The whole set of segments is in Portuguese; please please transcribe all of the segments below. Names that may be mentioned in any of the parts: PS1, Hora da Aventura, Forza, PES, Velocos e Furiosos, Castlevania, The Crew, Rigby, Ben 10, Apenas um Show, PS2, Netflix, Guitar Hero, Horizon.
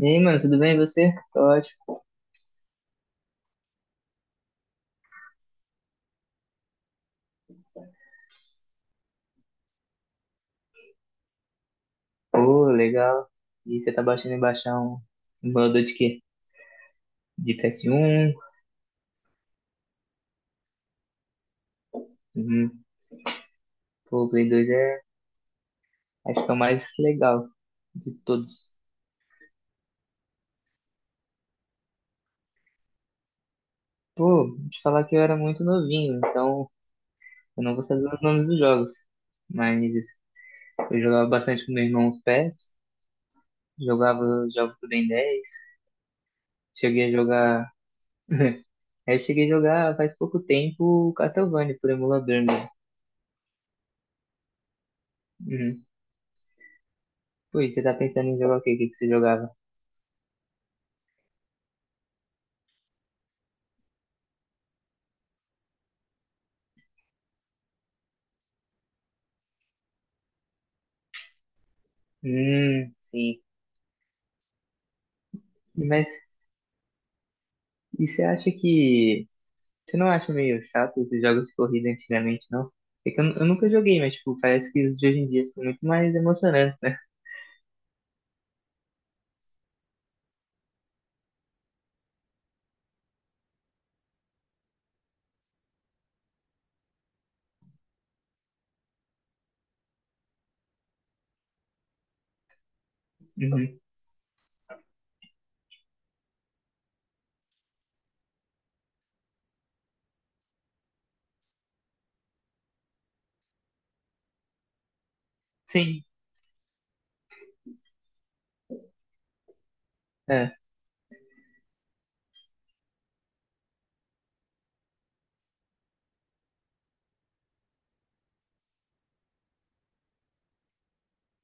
E aí, mano, tudo bem? E você? Tô ótimo. Pô, legal. E você tá baixando em baixar um emulador de quê? De PS1? Uhum. Pô, o Play 2 é, acho que é o mais legal de todos. Pô, te falar que eu era muito novinho, então eu não vou saber os nomes dos jogos. Mas eu jogava bastante com meu irmão os PES, jogava jogos do Ben 10, cheguei a jogar... Eu cheguei a jogar faz pouco tempo o Castlevania por emulador mesmo. Uhum. Pô, e você tá pensando em jogar o quê? O que que você jogava? Sim. Mas e você acha que. Você não acha meio chato esses jogos de corrida antigamente, não? É que eu nunca joguei, mas tipo, parece que os de hoje em dia são muito mais emocionantes, né? Uhum. Sim, é.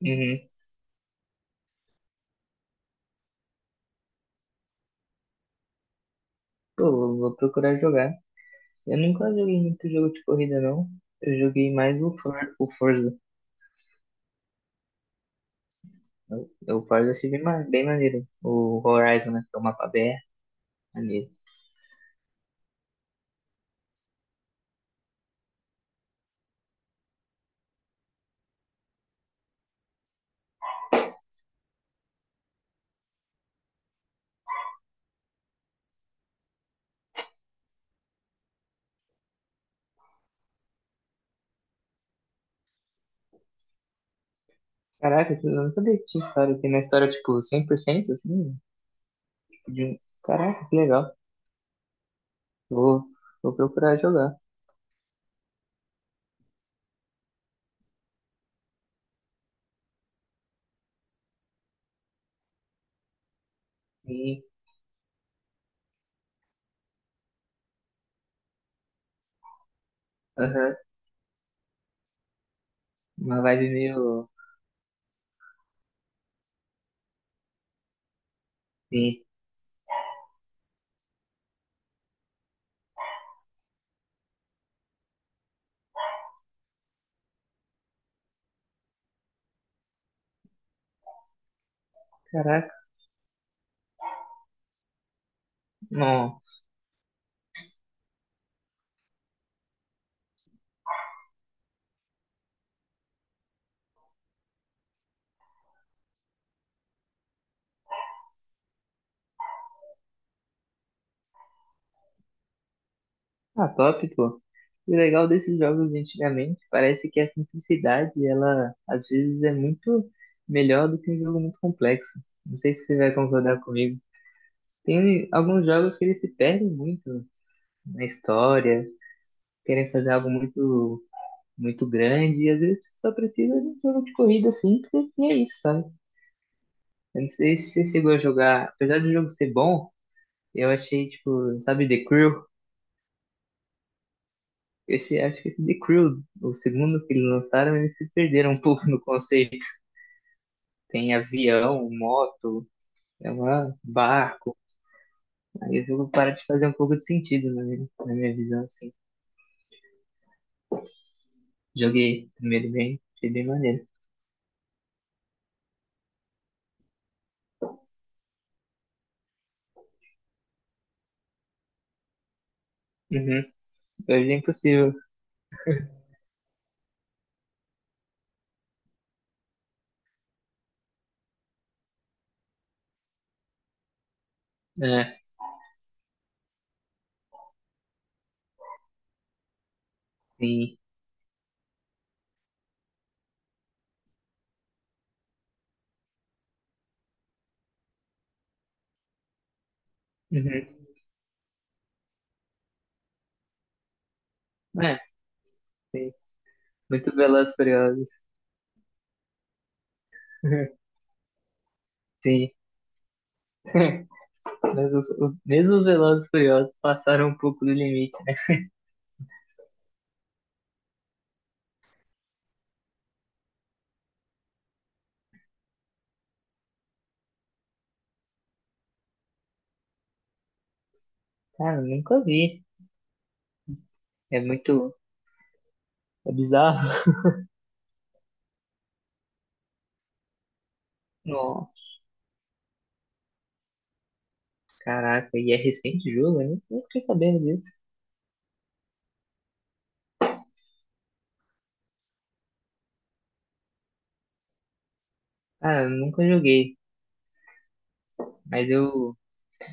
Uhum. Pô, vou procurar jogar. Eu nunca joguei muito jogo de corrida, não. Eu joguei mais o Forza. O, o Forza eu achei bem maneiro. O Horizon, né? Que é o mapa aberto, maneiro. Caraca, eu não sabia que tinha história. Tem uma história, tipo, 100%, assim, de um... Caraca, que legal. Vou, vou procurar jogar. Sim, aham. Uma vibe meio. Sim. Caraca, não. Ah, top, pô. E o legal desses jogos de antigamente parece que a simplicidade, ela às vezes é muito melhor do que um jogo muito complexo. Não sei se você vai concordar comigo. Tem alguns jogos que eles se perdem muito na história, querem fazer algo muito, muito grande, e às vezes só precisa de um jogo de corrida simples e é isso, sabe? Eu não sei se você chegou a jogar, apesar do jogo ser bom. Eu achei, tipo, sabe, The Crew? Esse, acho que esse The Crew, o segundo que eles lançaram, eles se perderam um pouco no conceito. Tem avião, moto, é uma barco. Aí o jogo para de fazer um pouco de sentido na minha visão, assim. Joguei primeiro bem, achei bem maneiro. Uhum. Hoje é impossível. É, sim. Uhum. É, sim. Muito Velozes e Furiosos. Sim. Mas mesmo os Velozes e Furiosos passaram um pouco do limite, né? Cara, eu nunca vi. É muito É bizarro. Nossa, caraca, e é recente o jogo? Eu nem fiquei sabendo disso. Ah, eu nunca joguei, mas eu,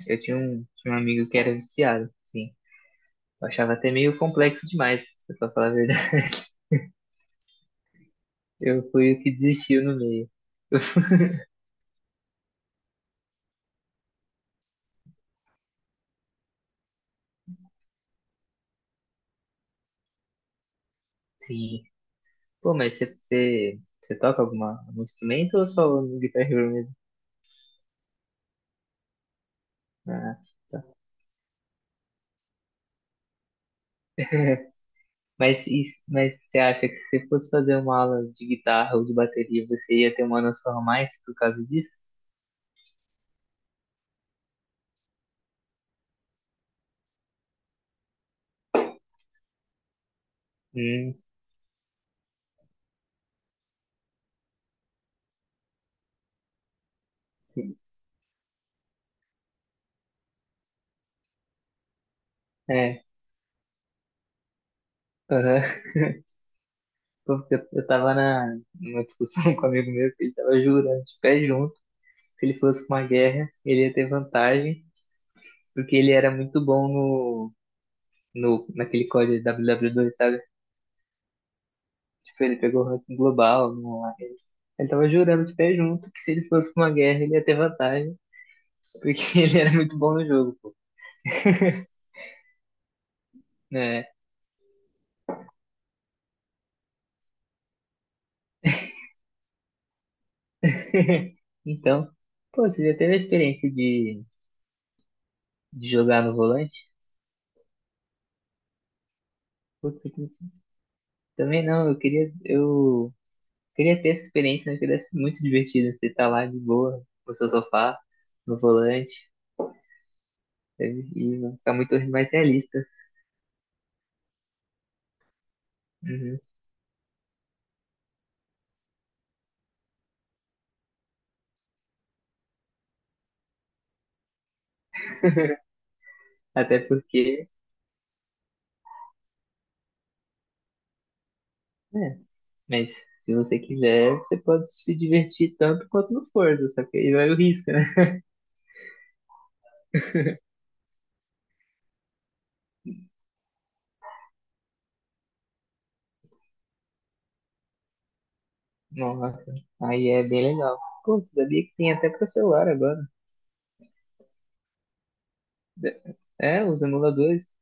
eu tinha um amigo que era viciado, sim. Eu achava até meio complexo demais, se pra falar a verdade. Eu fui o que desistiu no meio. Sim. Pô, mas você toca algum instrumento ou só no Guitar Hero mesmo? Ah, tá. Mas você acha que se você fosse fazer uma aula de guitarra ou de bateria, você ia ter uma noção a mais por causa disso? Hum, sim. É. Aham. Porque eu tava numa discussão com um amigo meu que ele tava jurando de pé junto que se ele fosse pra uma guerra, ele ia ter vantagem, porque ele era muito bom no, no, naquele código WW2, sabe? Tipo, ele pegou o ranking global no online. Ele tava jurando de pé junto que se ele fosse pra uma guerra, ele ia ter vantagem, porque ele era muito bom no jogo, pô, né? Então, pô, você já teve a experiência de jogar no volante? Putz, eu também não, eu queria. Queria ter essa experiência, né? Que deve ser muito divertido. Você tá lá de boa, no seu sofá, no volante, e vai ficar muito mais realista. Uhum. Até porque, né? Mas se você quiser, você pode se divertir tanto quanto no Forza, só que aí vai o risco, né? Nossa, aí é bem legal. Pô, você sabia que tem até pra celular agora. É, os emuladores.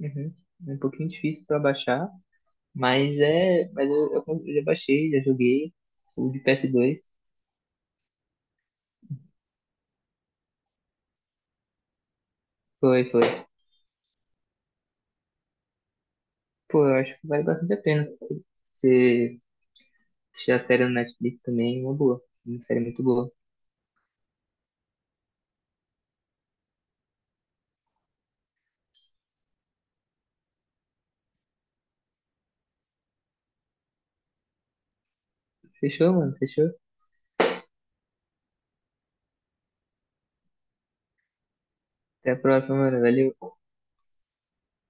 Uhum. É um pouquinho difícil pra baixar, mas eu já baixei, já joguei o de PS2. Foi, foi. Pô, eu acho que vale bastante a pena. Se assistir a série no Netflix também, é uma boa. Uma série muito boa. Fechou, mano? Fechou? Até a próxima, mano. Valeu.